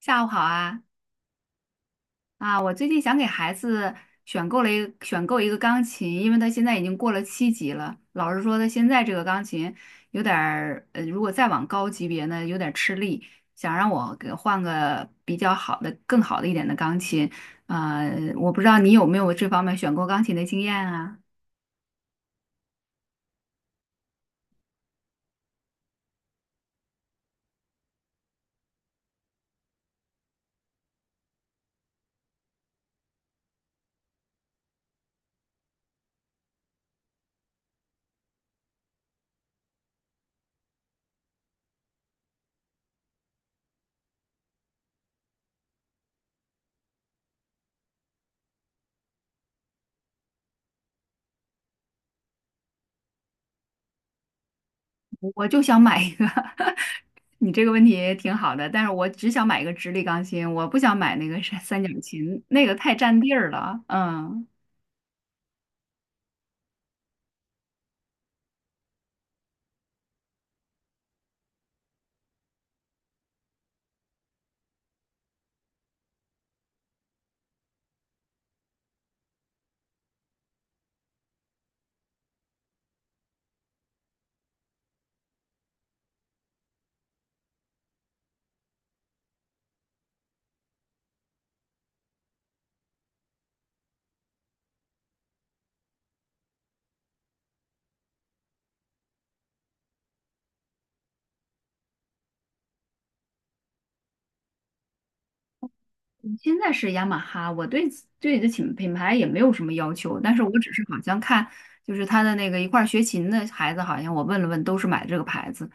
下午好啊！我最近想给孩子选购一个钢琴，因为他现在已经过了七级了。老师说他现在这个钢琴有点儿，如果再往高级别呢，有点儿吃力，想让我给换个比较好的、更好的一点的钢琴。呃，我不知道你有没有这方面选购钢琴的经验啊？我就想买一个 你这个问题也挺好的，但是我只想买一个直立钢琴，我不想买那个三角琴，那个太占地儿了。嗯。现在是雅马哈，我对这品牌也没有什么要求，但是我只是好像看，就是他的那个一块儿学琴的孩子，好像我问了问，都是买这个牌子，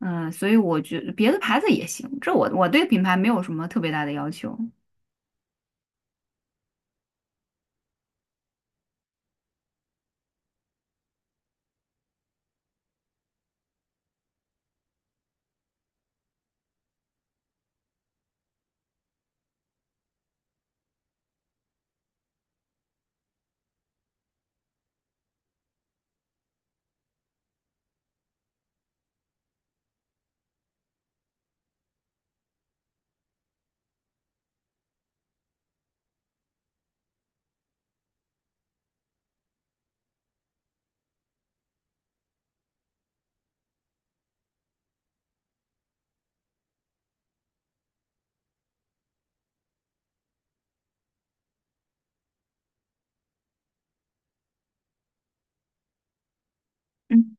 嗯，所以我觉得别的牌子也行，这我对品牌没有什么特别大的要求。嗯。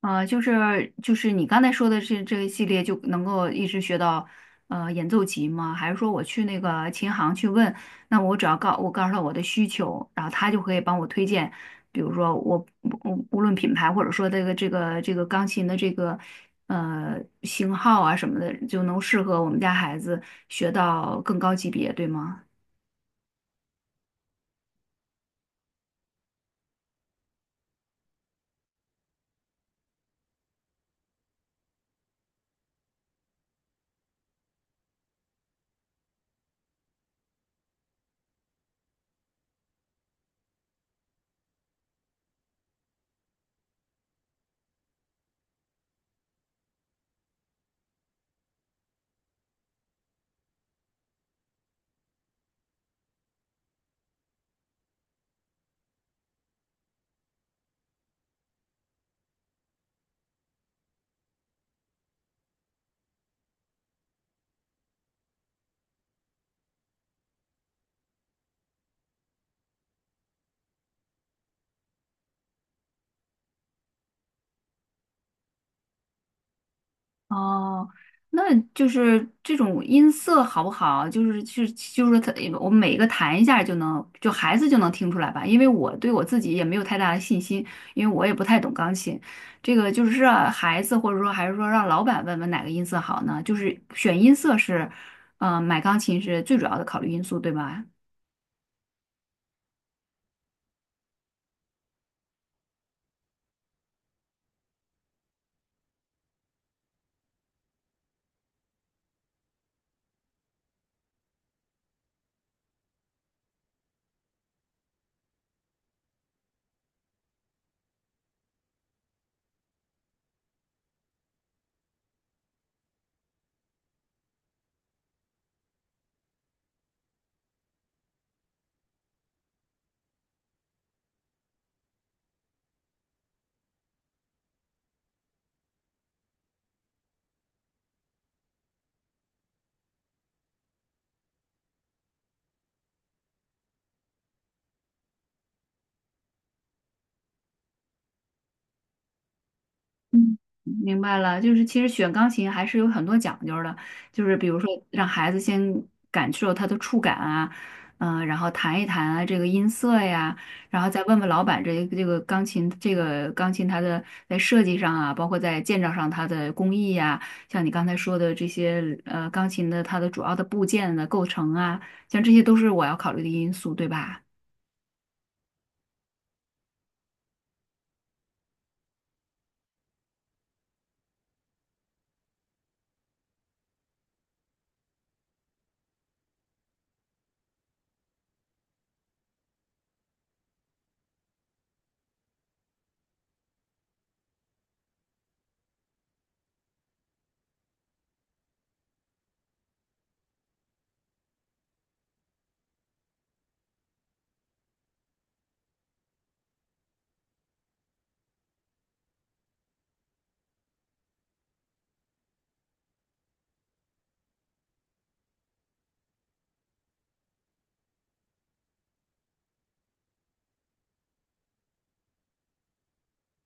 啊、就是就是你刚才说的这个系列就能够一直学到演奏级吗？还是说我去那个琴行去问，那我只要我告诉他我的需求，然后他就可以帮我推荐，比如说我无论品牌或者说这个钢琴的这个型号啊什么的，就能适合我们家孩子学到更高级别，对吗？哦，那就是这种音色好不好？就是说它，我们每一个弹一下就能，就孩子就能听出来吧？因为我对我自己也没有太大的信心，因为我也不太懂钢琴。这个就是让孩子，或者说还是说让老板问问哪个音色好呢？就是选音色是，买钢琴是最主要的考虑因素，对吧？嗯，明白了，就是其实选钢琴还是有很多讲究的，就是比如说让孩子先感受它的触感啊，然后弹一弹啊这个音色呀，然后再问问老板这这个钢琴这个钢琴它的在设计上啊，包括在建造上它的工艺呀、像你刚才说的这些钢琴的它的主要的部件的构成啊，像这些都是我要考虑的因素，对吧？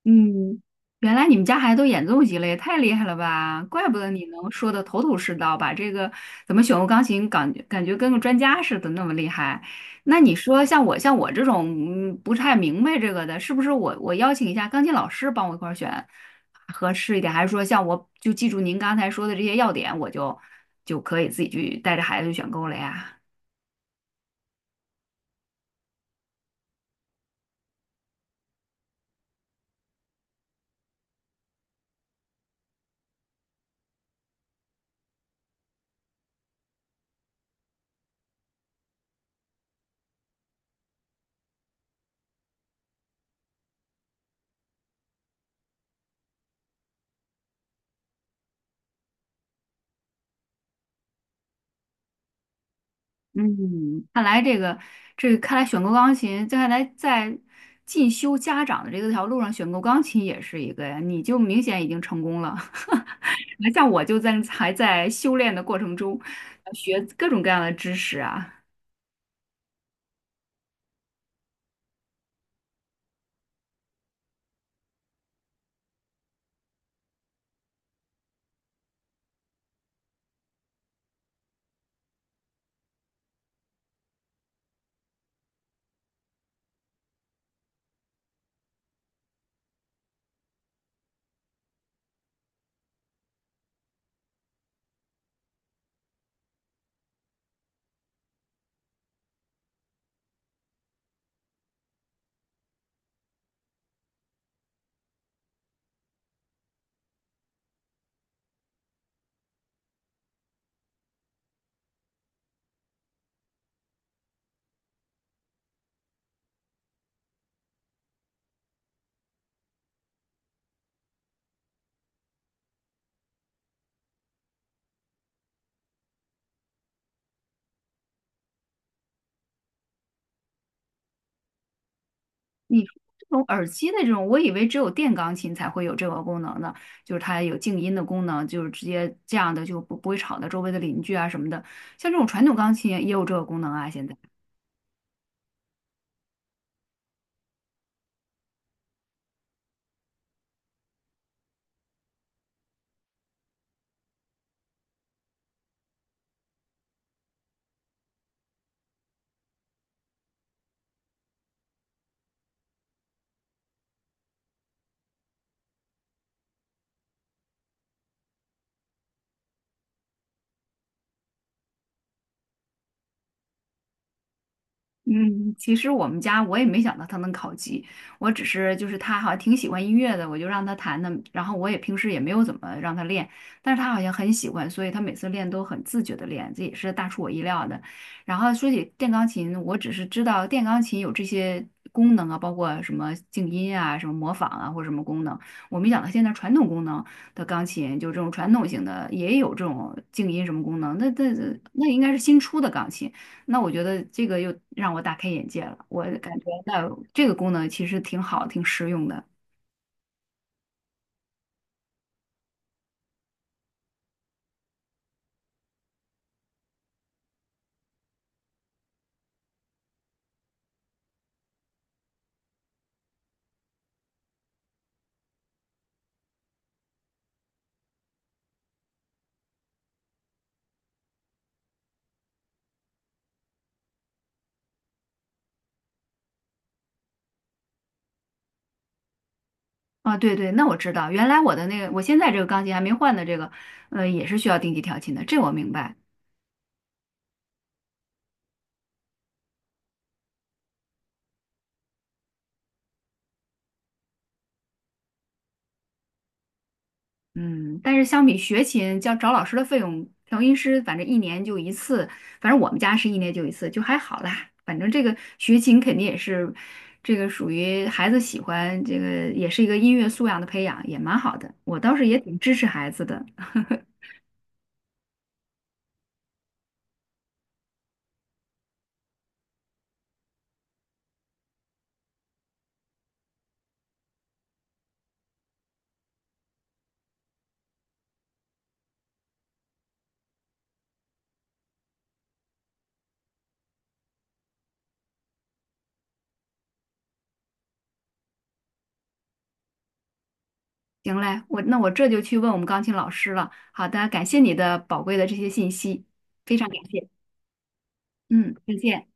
嗯，原来你们家孩子都演奏级了，也太厉害了吧！怪不得你能说的头头是道，把这个怎么选用钢琴感觉跟个专家似的那么厉害。那你说像我这种不太明白这个的，是不是我邀请一下钢琴老师帮我一块儿选合适一点，还是说像我就记住您刚才说的这些要点，就可以自己去带着孩子去选购了呀？嗯，看来这个这看来选购钢琴，这看来在进修家长的这个条路上，选购钢琴也是一个呀。你就明显已经成功了，还像我就还在修炼的过程中，学各种各样的知识啊。你说这种耳机的这种，我以为只有电钢琴才会有这个功能呢，就是它有静音的功能，就是直接这样的就不会吵到周围的邻居啊什么的。像这种传统钢琴也有这个功能啊，现在。嗯，其实我们家我也没想到他能考级，我只是就是他好像挺喜欢音乐的，我就让他弹的，然后我也平时也没有怎么让他练，但是他好像很喜欢，所以他每次练都很自觉的练，这也是大出我意料的。然后说起电钢琴，我只是知道电钢琴有这些功能啊，包括什么静音啊、什么模仿啊或者什么功能，我没想到现在传统功能的钢琴就这种传统型的也有这种静音什么功能，那应该是新出的钢琴。那我觉得这个又让我大开眼界了，我感觉那这个功能其实挺好，挺实用的啊。对，那我知道，原来我的那个，我现在这个钢琴还没换的这个，也是需要定期调琴的，这我明白。嗯，但是相比学琴，叫找老师的费用，调音师反正一年就一次，反正我们家是一年就一次，就还好啦。反正这个学琴肯定也是，这个属于孩子喜欢，这个也是一个音乐素养的培养，也蛮好的。我倒是也挺支持孩子的。行嘞，我这就去问我们钢琴老师了。好的，感谢你的宝贵的这些信息，非常感谢。嗯，再见。